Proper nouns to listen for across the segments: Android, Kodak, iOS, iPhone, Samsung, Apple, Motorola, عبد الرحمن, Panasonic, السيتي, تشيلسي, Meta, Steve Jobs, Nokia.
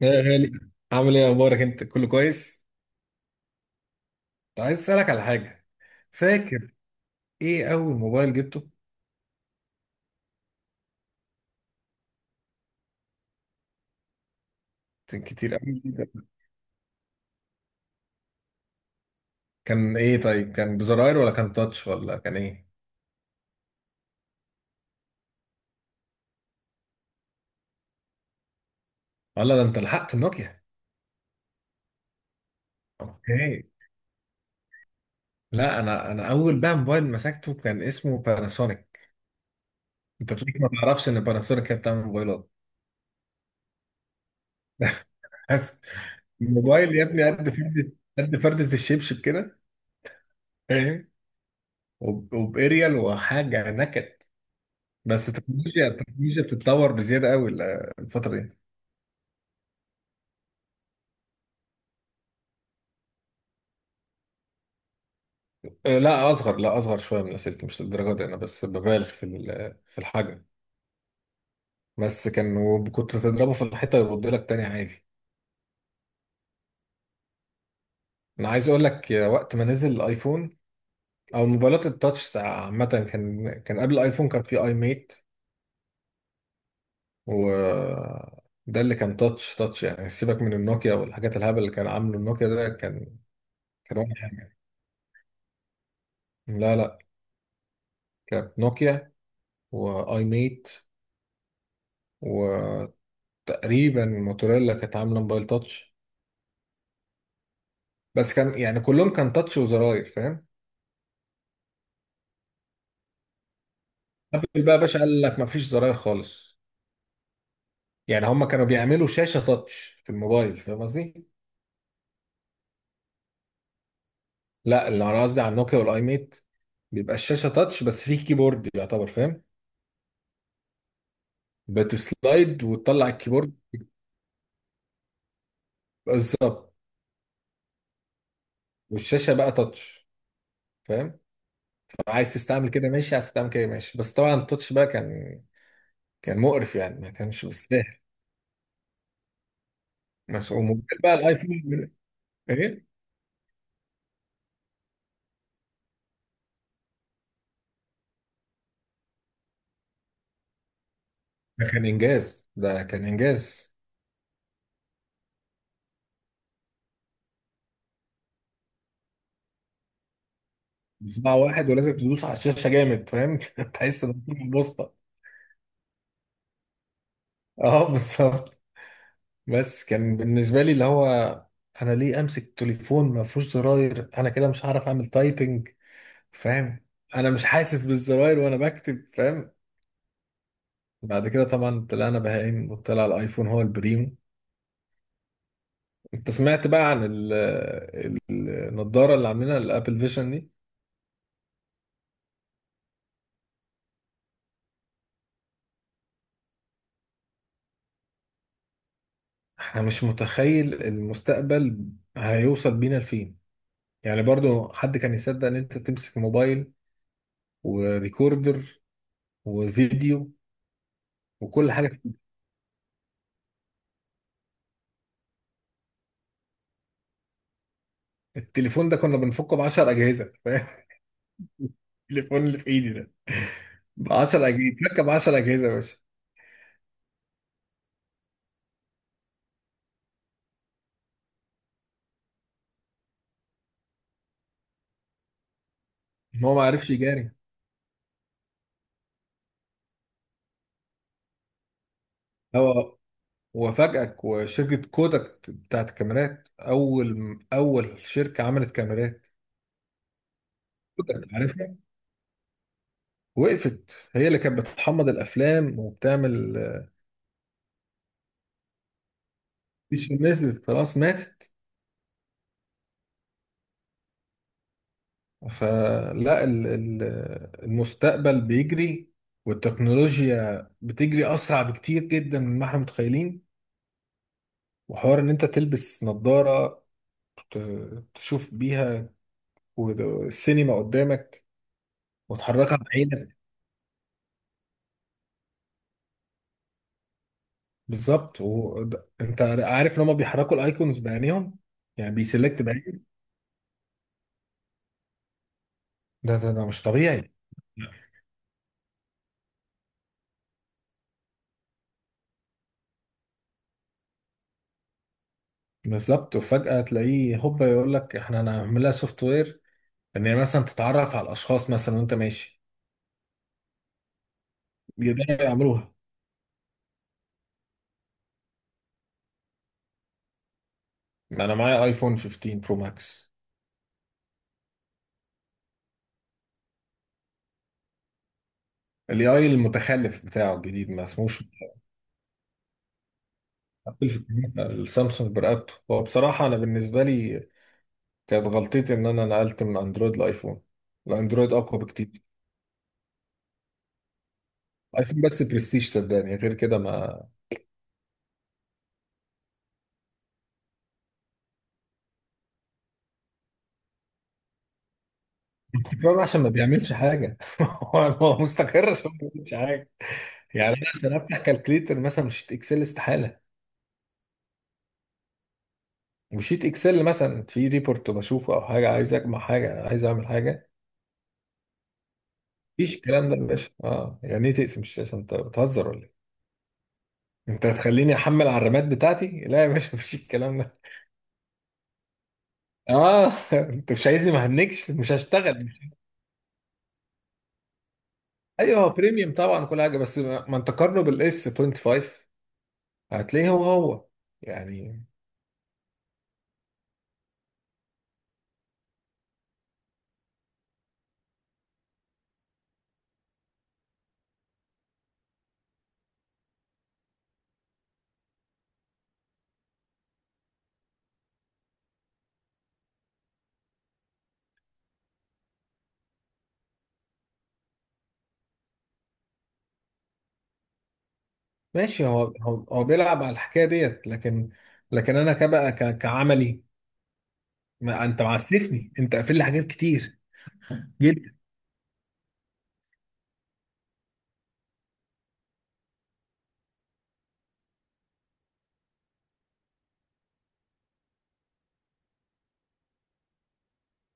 يا غالي، عامل ايه؟ اخبارك؟ انت كله كويس؟ كنت عايز اسالك على حاجه. فاكر ايه اول موبايل جبته؟ كان كتير قوي. كان ايه؟ طيب كان بزراير ولا كان تاتش ولا كان ايه؟ ولا ده انت لحقت النوكيا؟ اوكي. لا انا اول بقى موبايل مسكته كان اسمه باناسونيك. انت تلاقيك ما تعرفش ان باناسونيك هي بتعمل موبايلات. بس الموبايل يا ابني قد فردة، قد فردة الشبشب كده، فاهم؟ وباريال وحاجه نكد. بس التكنولوجيا بتتطور بزياده قوي الفتره دي. آه، لا اصغر، لا اصغر شويه من السلك، مش للدرجه دي، انا بس ببالغ في الحجم. بس كان، وكنت تضربه في الحيطه يرد لك تاني عادي. انا عايز اقول لك يا، وقت ما نزل الايفون او موبايلات التاتش عامه، كان قبل الايفون كان في اي ميت، و ده اللي كان تاتش تاتش، يعني سيبك من النوكيا والحاجات الهبل اللي كان عامله النوكيا، ده كان كان ولا حاجه. لا لا، كانت نوكيا واي ميت. تقريبا الموتوريلا كانت عامله موبايل تاتش. بس كان يعني كلهم كان تاتش وزراير، فاهم؟ ابل بقى يا باشا قال لك ما فيش زراير خالص، يعني هم كانوا بيعملوا شاشه تاتش في الموبايل، فاهم قصدي؟ لا، اللي انا قصدي على النوكيا والاي ميت، بيبقى الشاشه تاتش بس فيه كيبورد يعتبر، فاهم؟ بتسلايد وتطلع الكيبورد. بالظبط. والشاشه بقى تاتش، فاهم؟ طب عايز تستعمل كده ماشي، عايز تستعمل كده ماشي، بس طبعا التاتش بقى كان كان مقرف، يعني ما كانش مستاهل. مسؤول ممكن بقى الايفون. ده كان انجاز، ده كان انجاز. 9 واحد، ولازم تدوس على الشاشه جامد، فاهم؟ تحس ان في بوسطه. اه بالظبط. بس كان بالنسبه لي اللي هو، انا ليه امسك تليفون ما فيهوش زراير؟ انا كده مش هعرف اعمل تايبنج، فاهم؟ انا مش حاسس بالزراير وانا بكتب، فاهم؟ بعد كده طبعا طلعنا بهايم وطلع الايفون هو البريم. انت سمعت بقى عن ال- النضاره اللي عاملينها الابل فيجن دي؟ احنا مش متخيل المستقبل هيوصل بينا لفين. يعني برضو حد كان يصدق ان انت تمسك موبايل وريكوردر وفيديو وكل حاجه في- التليفون ده كنا بنفكه ب 10 اجهزه، فاهم؟ التليفون اللي في ايدي ده ب 10 اجهزه، فك ب 10 اجهزه يا باشا. إن هو ما عرفش يجاري. هو وفاجئك، وشركه كودك بتاعت الكاميرات، اول شركه عملت كاميرات، كودك عارفها، وقفت. هي اللي كانت بتحمض الافلام وبتعمل. مش نزلت، خلاص ماتت. فلا المستقبل بيجري، والتكنولوجيا بتجري أسرع بكتير جدا مما احنا متخيلين. وحوار إن أنت تلبس نظارة تشوف بيها والسينما قدامك وتحركها بعينك. بالظبط، وأنت عارف إن هما بيحركوا الأيكونز بعينيهم، يعني بيسلكت بعين. ده مش طبيعي. بالظبط، وفجأة تلاقيه هوبا يقول لك احنا هنعملها سوفت وير، ان هي مثلا تتعرف على الاشخاص مثلا وانت ماشي. يقدروا يعملوها. انا معايا ايفون 15 برو ماكس. الاي اي المتخلف بتاعه الجديد ما اسموش. ابل في الجديد، السامسونج برقبته، هو بصراحه، انا بالنسبه لي كانت غلطتي ان انا نقلت من اندرويد لايفون. الاندرويد اقوى بكتير. ايفون بس برستيج، صدقني غير كده ما. استقرار عشان ما بيعملش حاجه هو هو مستقر عشان ما بيعملش حاجه. يعني انا عشان افتح كالكليتر مثلا، مش شيت اكسل، استحاله. وشيت اكسل مثلا في ريبورت بشوفه او حاجه، عايز اجمع حاجه، عايز اعمل حاجه، مفيش الكلام ده يا باشا. اه يعني ايه تقسم الشاشه؟ انت بتهزر ولا ايه؟ انت هتخليني احمل على الرامات بتاعتي؟ لا يا باشا مفيش الكلام ده. اه انت مش عايزني، ما هنكش، مش هشتغل. ايوه هو بريميوم طبعا كل حاجه، بس ما انت قارنه بالاس 25 هتلاقيه هو هو يعني. ماشي هو هو, هو بيلعب على الحكايه ديت، لكن لكن انا كبقى كعملي، ما انت معسفني، انت قافل لي حاجات كتير جدا.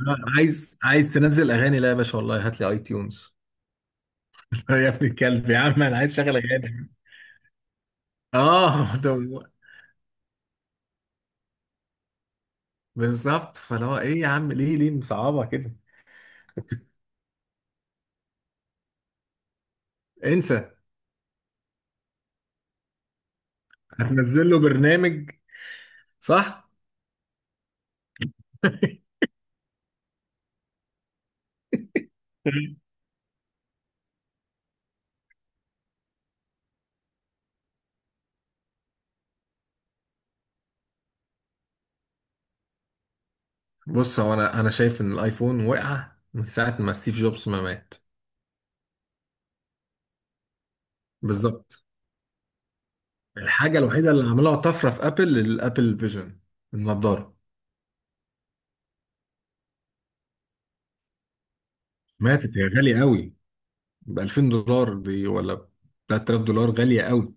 أنا عايز تنزل اغاني؟ لا يا باشا والله، هات لي اي تيونز يا ابن الكلب، يا عم انا عايز اشغل اغاني. اه بالظبط، فاللي هو ايه يا عم، ليه مصعبه كده؟ انسى. هتنزل له برنامج، صح؟ بص، هو انا انا شايف ان الايفون وقع من ساعه ما ستيف جوبز ما مات. بالظبط. الحاجه الوحيده اللي عملوها طفره في ابل، الابل فيجن، النضاره. ماتت، هي غاليه قوي، ب 2000 دولار بي، ولا ب 3000 دولار، غاليه قوي.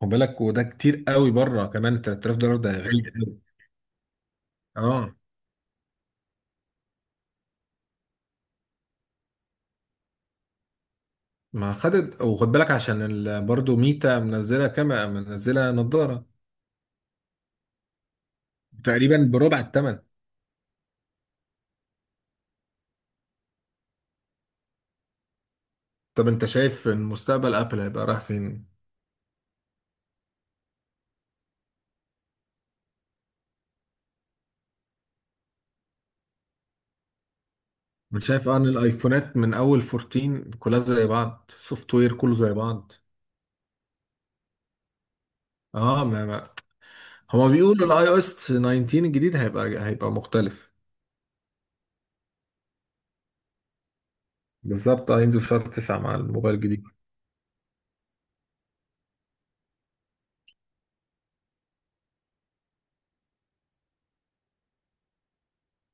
خد بالك، وده كتير قوي بره كمان، 3000 دولار ده غالي قوي. اه ما خدت، وخد بالك عشان برضه ميتا منزله كاميرا، منزله نظاره. تقريبا بربع الثمن. طب انت شايف إن مستقبل ابل هيبقى رايح فين؟ مش شايف ان الايفونات من اول 14 كلها زي بعض؟ سوفت وير كله زي بعض. اه ما. هما بيقولوا الاي او اس 19 الجديد هيبقى مختلف. بالظبط. آه، هينزل في شهر 9 مع الموبايل الجديد.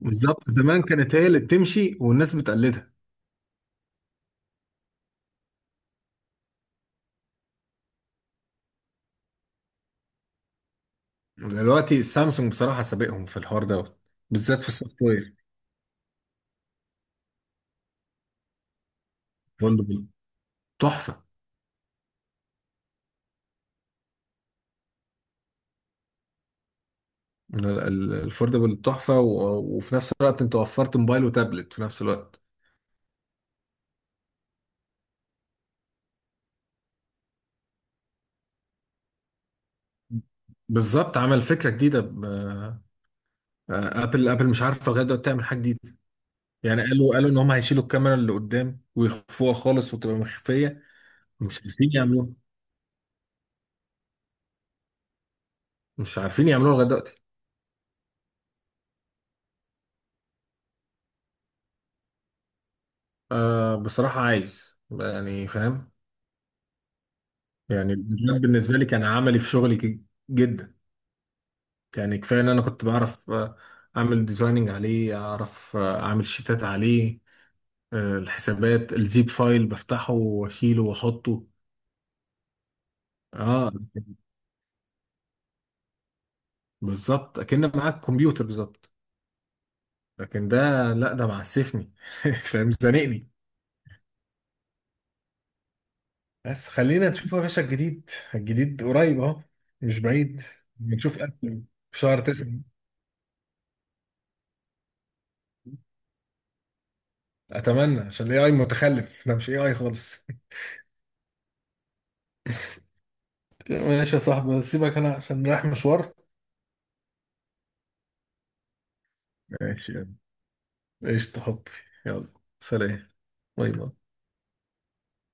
بالظبط، زمان كانت هي اللي بتمشي والناس بتقلدها. دلوقتي سامسونج بصراحه سابقهم في الحوار دوت، بالذات في السوفت وير. تحفة. الفوردبل تحفة، وفي نفس الوقت انت وفرت موبايل وتابلت في نفس الوقت. بالظبط، عمل فكرة جديدة ابل مش عارفة لغاية دلوقتي تعمل حاجة جديدة. يعني قالوا ان هم هيشيلوا الكاميرا اللي قدام ويخفوها خالص وتبقى مخفية. مش عارفين يعملوها، مش عارفين يعملوها لغاية دلوقتي. أه بصراحة عايز، يعني فاهم؟ يعني الديزاين بالنسبة لي كان عملي في شغلي جدا. يعني كفاية ان انا كنت بعرف، آه، اعمل ديزايننج عليه، اعرف آه اعمل شيتات عليه، آه الحسابات، الزيب فايل بفتحه واشيله واحطه. اه بالظبط، اكن معاك كمبيوتر بالظبط. لكن ده، لا ده معسفني فاهم؟ زنقني. بس خلينا نشوف يا باشا، الجديد الجديد قريب اهو، مش بعيد. بنشوف أبل في شهر تسعة. اتمنى، عشان الاي اي متخلف، احنا مش اي اي خالص ماشي يا صاحبي، سيبك، انا عشان رايح مشوار. ماشي، يلا. قشطة حبي. يلا. سلام. باي باي.